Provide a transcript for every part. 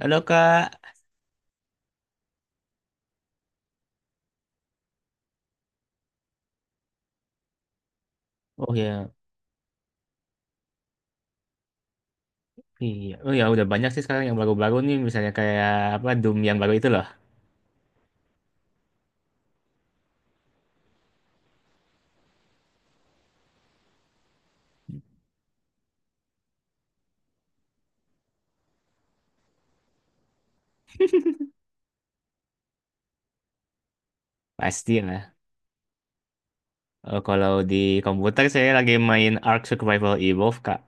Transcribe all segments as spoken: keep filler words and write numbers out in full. Halo Kak. Oh ya, iya. Oh ya, udah banyak sih sekarang yang baru-baru nih, misalnya kayak apa Doom yang baru itu loh. Pasti lah. Oh, kalau di komputer saya lagi main Ark Survival Evolved Kak.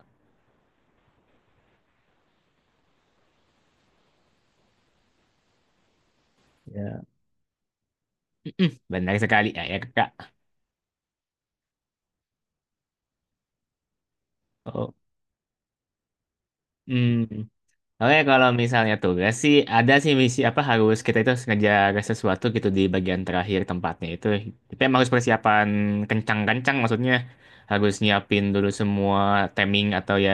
Ya, benar sekali ya, ya Kak. Oh, hmm. Oke, kalau misalnya tugas sih ada sih misi apa harus kita itu harus ngejar sesuatu gitu di bagian terakhir tempatnya itu. Tapi emang harus persiapan kencang-kencang, maksudnya harus nyiapin dulu semua timing atau ya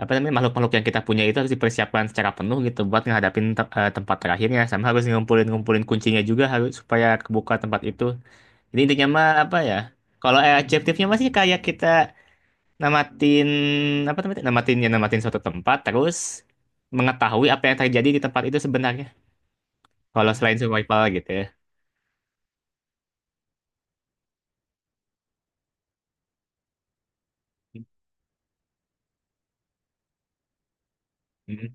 apa namanya makhluk-makhluk yang kita punya itu harus dipersiapkan secara penuh gitu buat ngadapin te- eh, tempat terakhirnya, sama harus ngumpulin-ngumpulin kuncinya juga harus supaya kebuka tempat itu. Jadi intinya mah apa ya? Kalau eh, objektifnya masih kayak kita namatin apa namanya? Namatin, ya namatin suatu tempat terus mengetahui apa yang terjadi di tempat itu sebenarnya. Kalau selain survival gitu ya. Hmm.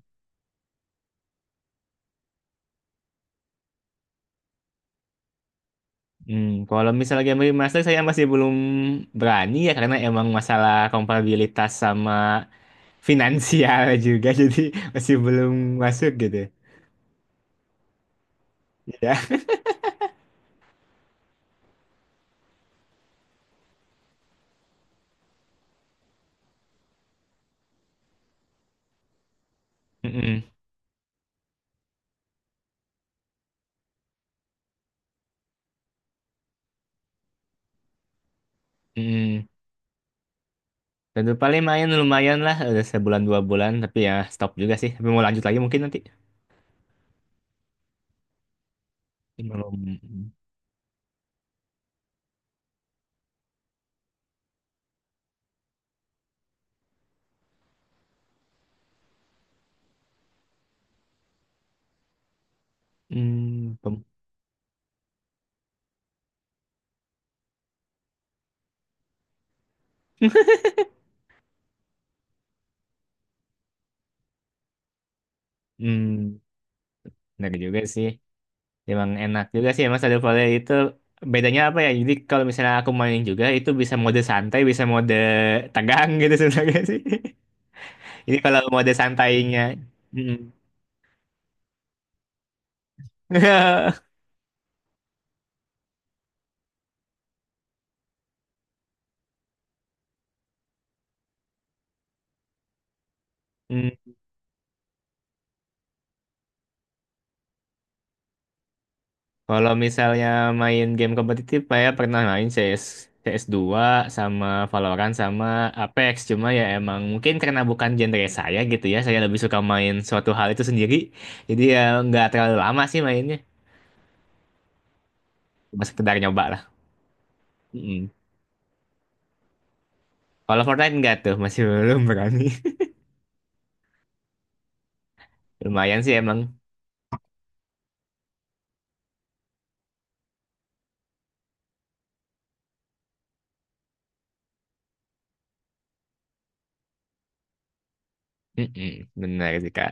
Hmm, kalau misalnya game remaster saya masih belum berani ya, karena emang masalah kompatibilitas sama finansial juga, jadi masih belum masuk gitu ya. Mm-mm, mm-mm. Dan tuh paling main lumayan lah udah sebulan dua bulan tapi ya stop juga sih, tapi mau lanjut lagi mungkin nanti belum. Hmm, pem, hmm, benar juga sih, emang enak juga sih emang Stardew Valley itu. Bedanya apa ya, jadi kalau misalnya aku main juga itu bisa mode santai bisa mode tegang gitu sebenarnya sih. Ini kalau mode santainya mm. Kalau misalnya main game kompetitif, saya pernah main C S, C S two sama Valorant sama Apex. Cuma ya emang mungkin karena bukan genre saya gitu ya, saya lebih suka main suatu hal itu sendiri. Jadi ya nggak terlalu lama sih mainnya, cuma sekedar nyoba lah. Mm-mm. Kalau Fortnite nggak tuh, masih belum berani. Lumayan sih emang. Mm-mm. Benar sih Kak.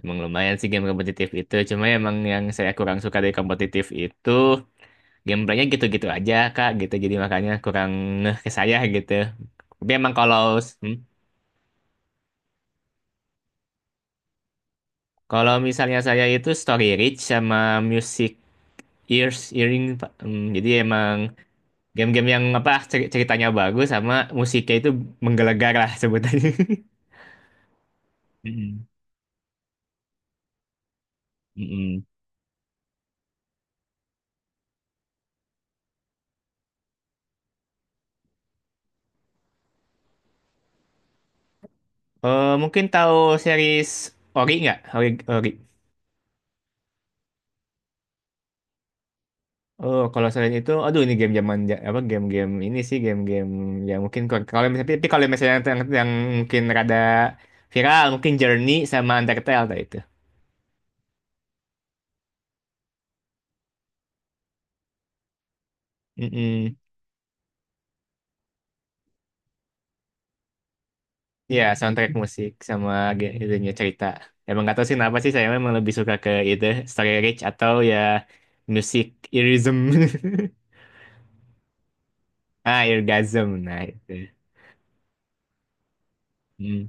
Emang lumayan sih game kompetitif itu. Cuma emang yang saya kurang suka dari kompetitif itu gameplaynya gitu-gitu aja kak gitu, jadi makanya kurang ngeh ke saya gitu. Tapi emang kalau hmm, kalau misalnya saya itu story rich sama music ears earring Pak. Hmm, jadi emang game-game yang apa cer- ceritanya bagus sama musiknya itu menggelegar lah sebutannya. Mm-mm. Mm-mm. Eh, mungkin tahu series Ori nggak? Ori, Ori. Oh, kalau selain itu, aduh, ini game zaman ja- apa game-game ini sih, game-game yang mungkin kalau kalau misalnya, tapi kalau misalnya yang, yang, yang mungkin rada viral, mungkin Journey sama Undertale tadi itu. Mm. Ya, soundtrack musik sama ge- itunya cerita. Emang nggak tahu sih kenapa sih saya memang lebih suka ke itu, story rich atau ya musik irism. Ah, orgasm. Nah, itu. Hmm.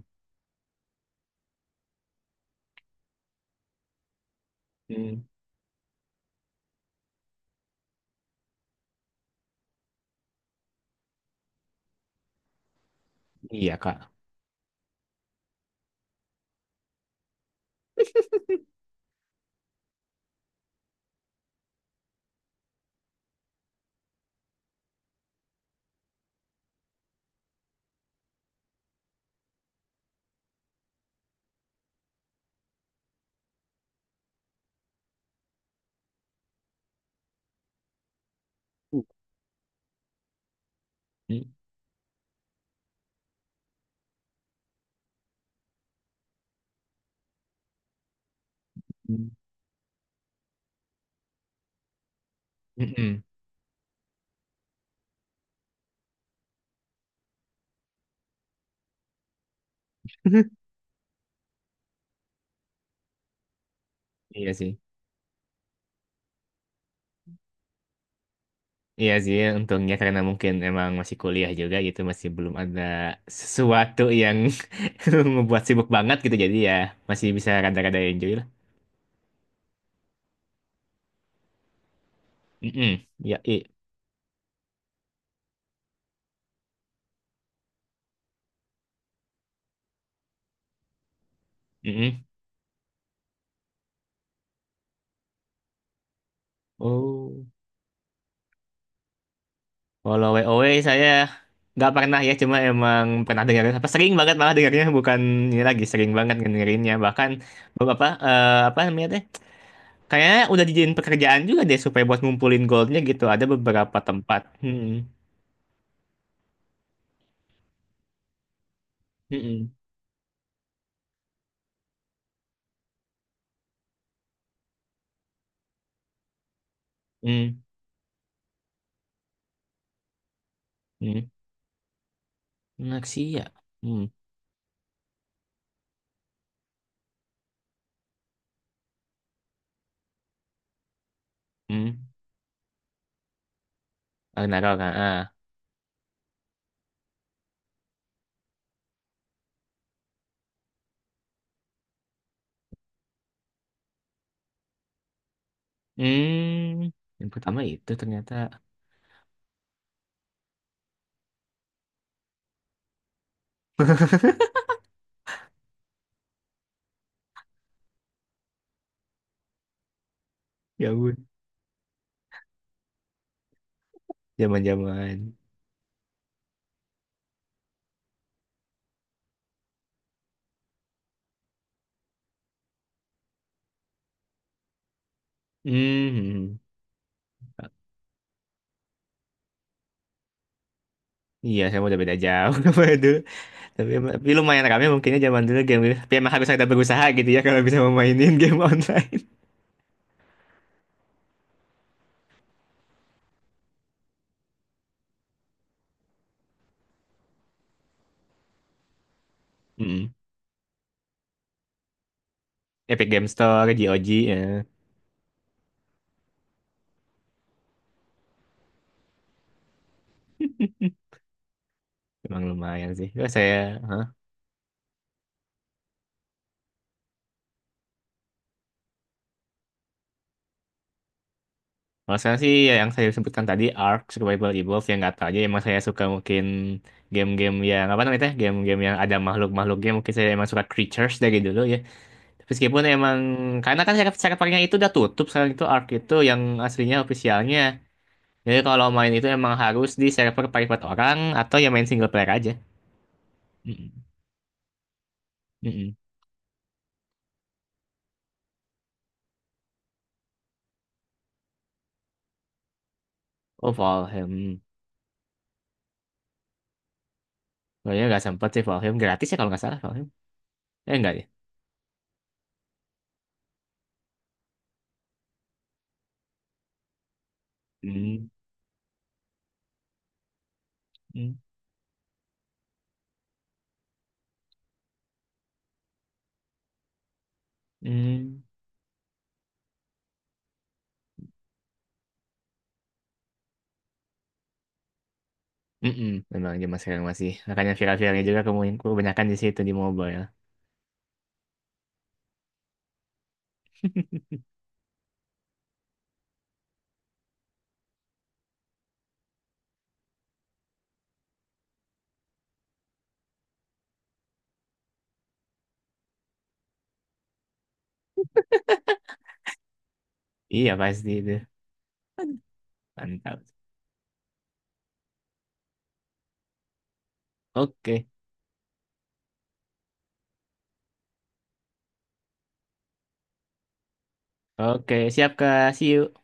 Mm. Iya, Kak. Mm. Mm. Mm-mm. Iya sih. Iya sih, untungnya karena mungkin emang masih kuliah juga gitu, masih belum ada sesuatu yang membuat sibuk banget gitu. Jadi ya masih bisa rada-rada enjoy lah. Mm-mm. Ya, i. Mm-mm. Oh, kalau WoW saya nggak pernah ya, cuma emang pernah dengar, apa sering banget malah dengarnya, bukan ini lagi sering banget dengerinnya. Bahkan beberapa eh, apa namanya teh? Kayaknya udah dijadiin pekerjaan juga deh supaya buat ngumpulin goldnya gitu. Ada beberapa tempat. Mm-mm. Mm-mm. Mm-mm. Mm. Naksir ya. Hmm. Hmm. Oh, Narok, ah. Ah. Hmm. Yang pertama itu ternyata. Ya ampun. Zaman-zaman. Hmm. Iya, saya udah beda jauh sama itu. Tapi, tapi lumayan kami mungkinnya zaman dulu game gitu. Tapi emang harus ada berusaha gitu ya kalau bisa memainin game online. Hmm. Epic Game Store, G O G, ya. Emang lumayan sih. Terus saya kalau saya sih ya yang saya sebutkan tadi Ark, Survival Evolved, yang nggak tahu aja emang saya suka, mungkin game-game yang apa namanya teh? Game-game yang ada makhluk-makhluknya, mungkin saya emang suka creatures dari dulu ya. Tapi meskipun emang karena kan saya saya pakainya itu udah tutup sekarang, itu Ark itu yang aslinya ofisialnya. Jadi kalau main itu emang harus di server private orang atau ya main single player aja. Mm-mm. Mm-mm. Oh Valheim, kayaknya nggak sempet sih. Valheim gratis ya kalau nggak salah Valheim. Eh nggak ya? Hmm. Hmm. Hmm. Mm-mm, memang zaman sekarang masih. Makanya viral-viralnya juga kemungkinan kebanyakan di situ di mobile. Iya pasti itu. Mantap. Oke. Oke, siap Kak. See you.